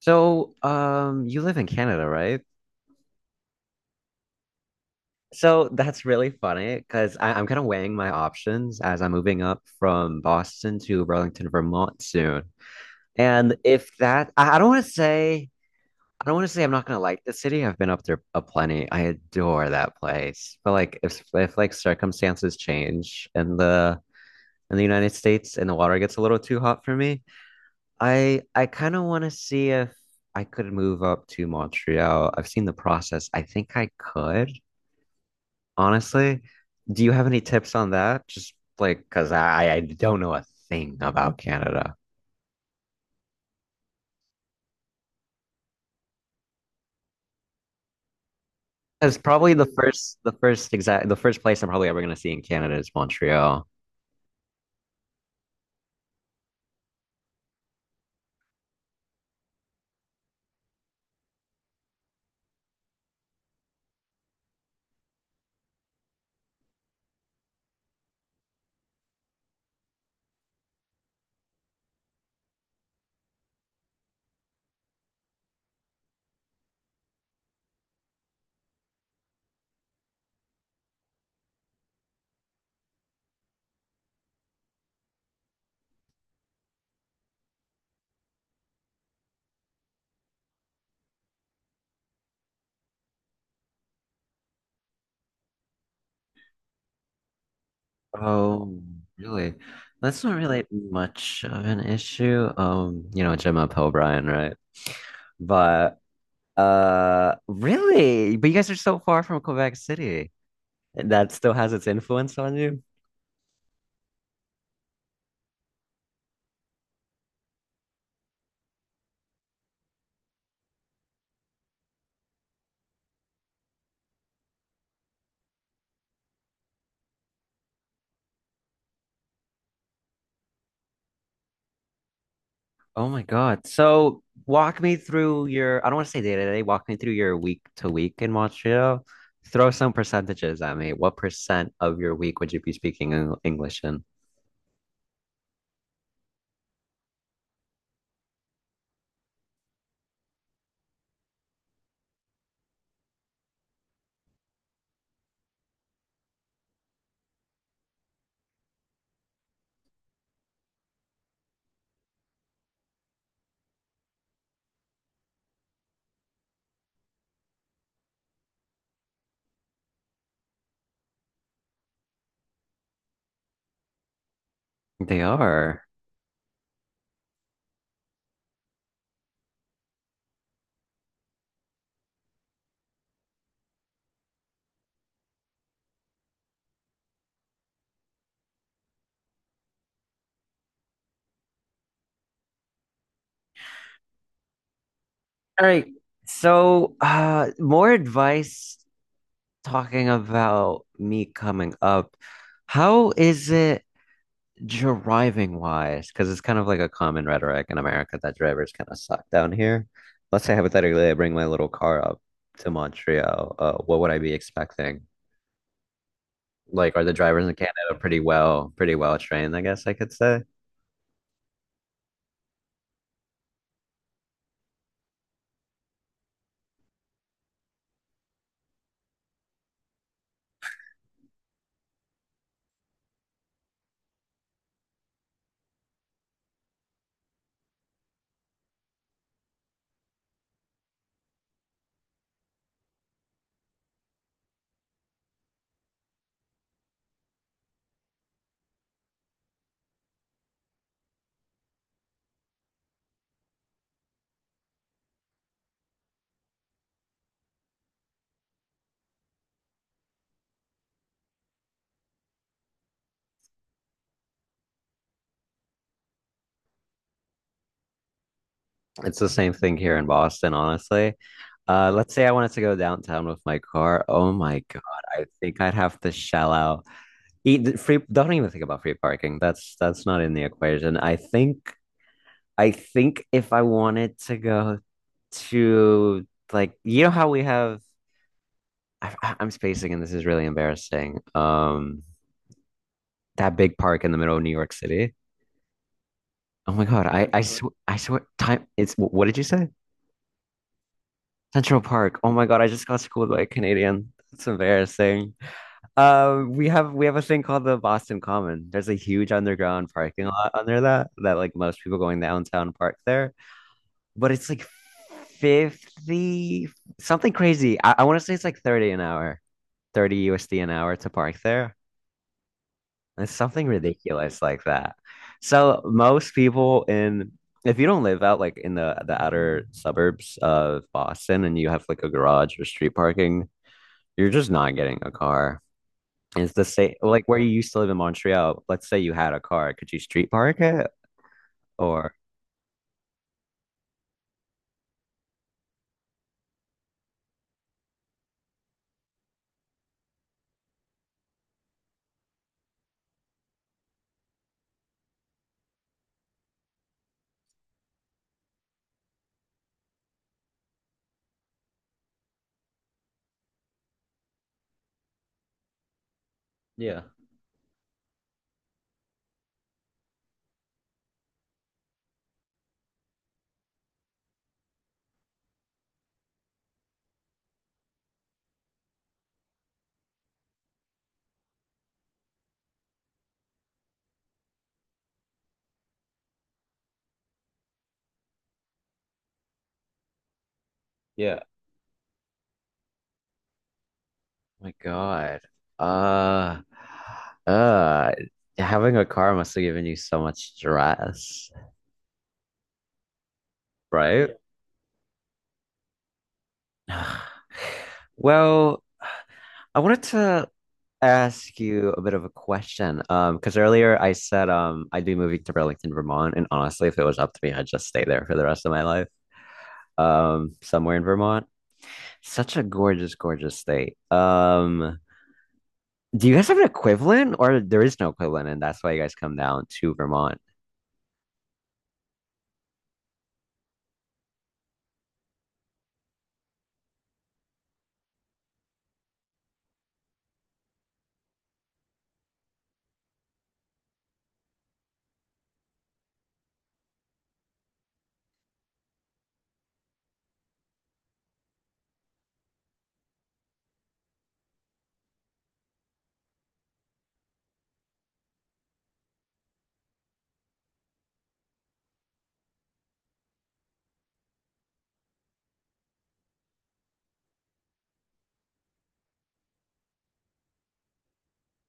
So, you live in Canada, right? So that's really funny because I'm kind of weighing my options as I'm moving up from Boston to Burlington, Vermont soon. And if that, I don't want to say, I don't want to say I'm not gonna like the city. I've been up there a plenty. I adore that place. But like, if like circumstances change and the in the United States and the water gets a little too hot for me, I kind of want to see if I could move up to Montreal. I've seen the process. I think I could, honestly. Do you have any tips on that? Just like because I don't know a thing about Canada. It's probably the first place I'm probably ever gonna see in Canada is Montreal. Oh, really? That's not really much of an issue. You know Gemma Pelbryan, right? But really? But you guys are so far from Quebec City. That still has its influence on you? Oh my God. So walk me through your, I don't want to say day to day, walk me through your week to week in Montreal. Throw some percentages at me. What percent of your week would you be speaking English in? They are. All right. So, more advice talking about me coming up. How is it, driving wise? Because it's kind of like a common rhetoric in America that drivers kind of suck down here. Let's say hypothetically, I bring my little car up to Montreal. What would I be expecting? Like, are the drivers in Canada pretty well trained, I guess I could say? It's the same thing here in Boston, honestly. Let's say I wanted to go downtown with my car. Oh my God, I think I'd have to shell out. Eat, free, don't even think about free parking. That's not in the equation. I think if I wanted to go to, like, you know how we have, I'm spacing and this is really embarrassing. That big park in the middle of New York City. Oh my God, I swear what did you say? Central Park. Oh my God, I just got schooled by a Canadian. It's embarrassing. We have a thing called the Boston Common. There's a huge underground parking lot under that that like most people going downtown park there. But it's like 50 something crazy. I want to say it's like 30 an hour, 30 USD an hour to park there. It's something ridiculous like that. So most people in, if you don't live out like in the outer suburbs of Boston and you have like a garage or street parking, you're just not getting a car. It's the same like where you used to live in Montreal. Let's say you had a car, could you street park it? Or yeah, yeah. My God. Uh, uh, Having a car must have given you so much stress, right? Yeah. Well, I wanted to ask you a bit of a question. Because earlier I said I'd be moving to Burlington, Vermont, and honestly, if it was up to me, I'd just stay there for the rest of my life. Somewhere in Vermont. Such a gorgeous, gorgeous state. Do you guys have an equivalent, or there is no equivalent, and that's why you guys come down to Vermont?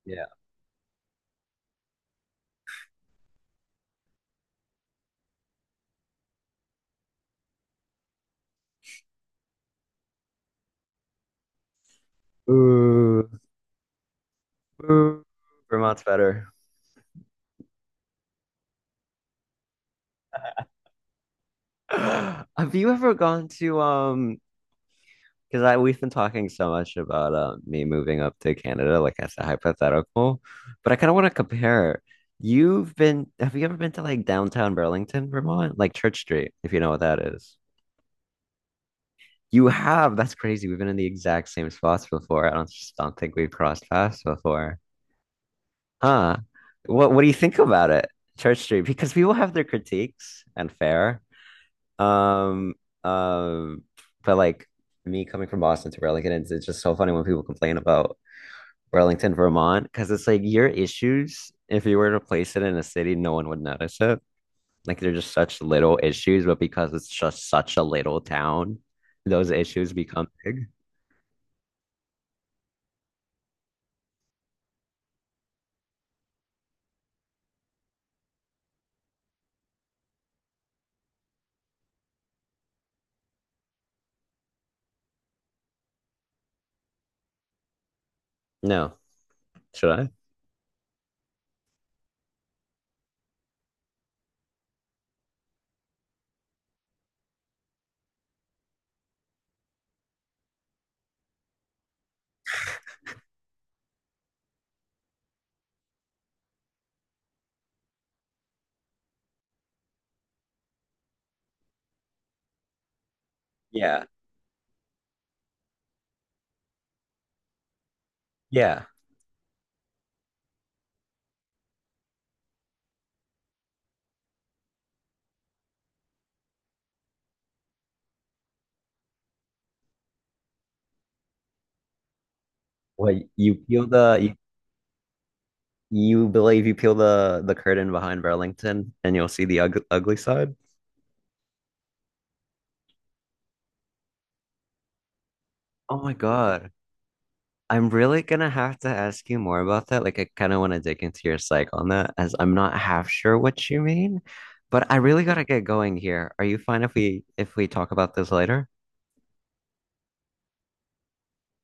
Yeah. Ooh, ooh, Vermont's better. Have you ever gone to? Because I we've been talking so much about, me moving up to Canada, like as a hypothetical, but I kind of want to compare. You've been, have you ever been to like downtown Burlington, Vermont, like Church Street, if you know what that is? You have. That's crazy. We've been in the exact same spots before. I don't just don't think we've crossed paths before. Huh. What do you think about it? Church Street, because people have their critiques, and fair. Um, um, but like, me coming from Boston to Burlington, it's just so funny when people complain about Burlington, Vermont, because it's like your issues, if you were to place it in a city, no one would notice it. Like they're just such little issues, but because it's just such a little town, those issues become big. No. Should I? Yeah. Yeah. Well, you peel the you, you believe you peel the curtain behind Burlington and you'll see the ug ugly side. Oh my God. I'm really gonna have to ask you more about that. Like I kind of want to dig into your psych on that as I'm not half sure what you mean, but I really gotta get going here. Are you fine if we talk about this later?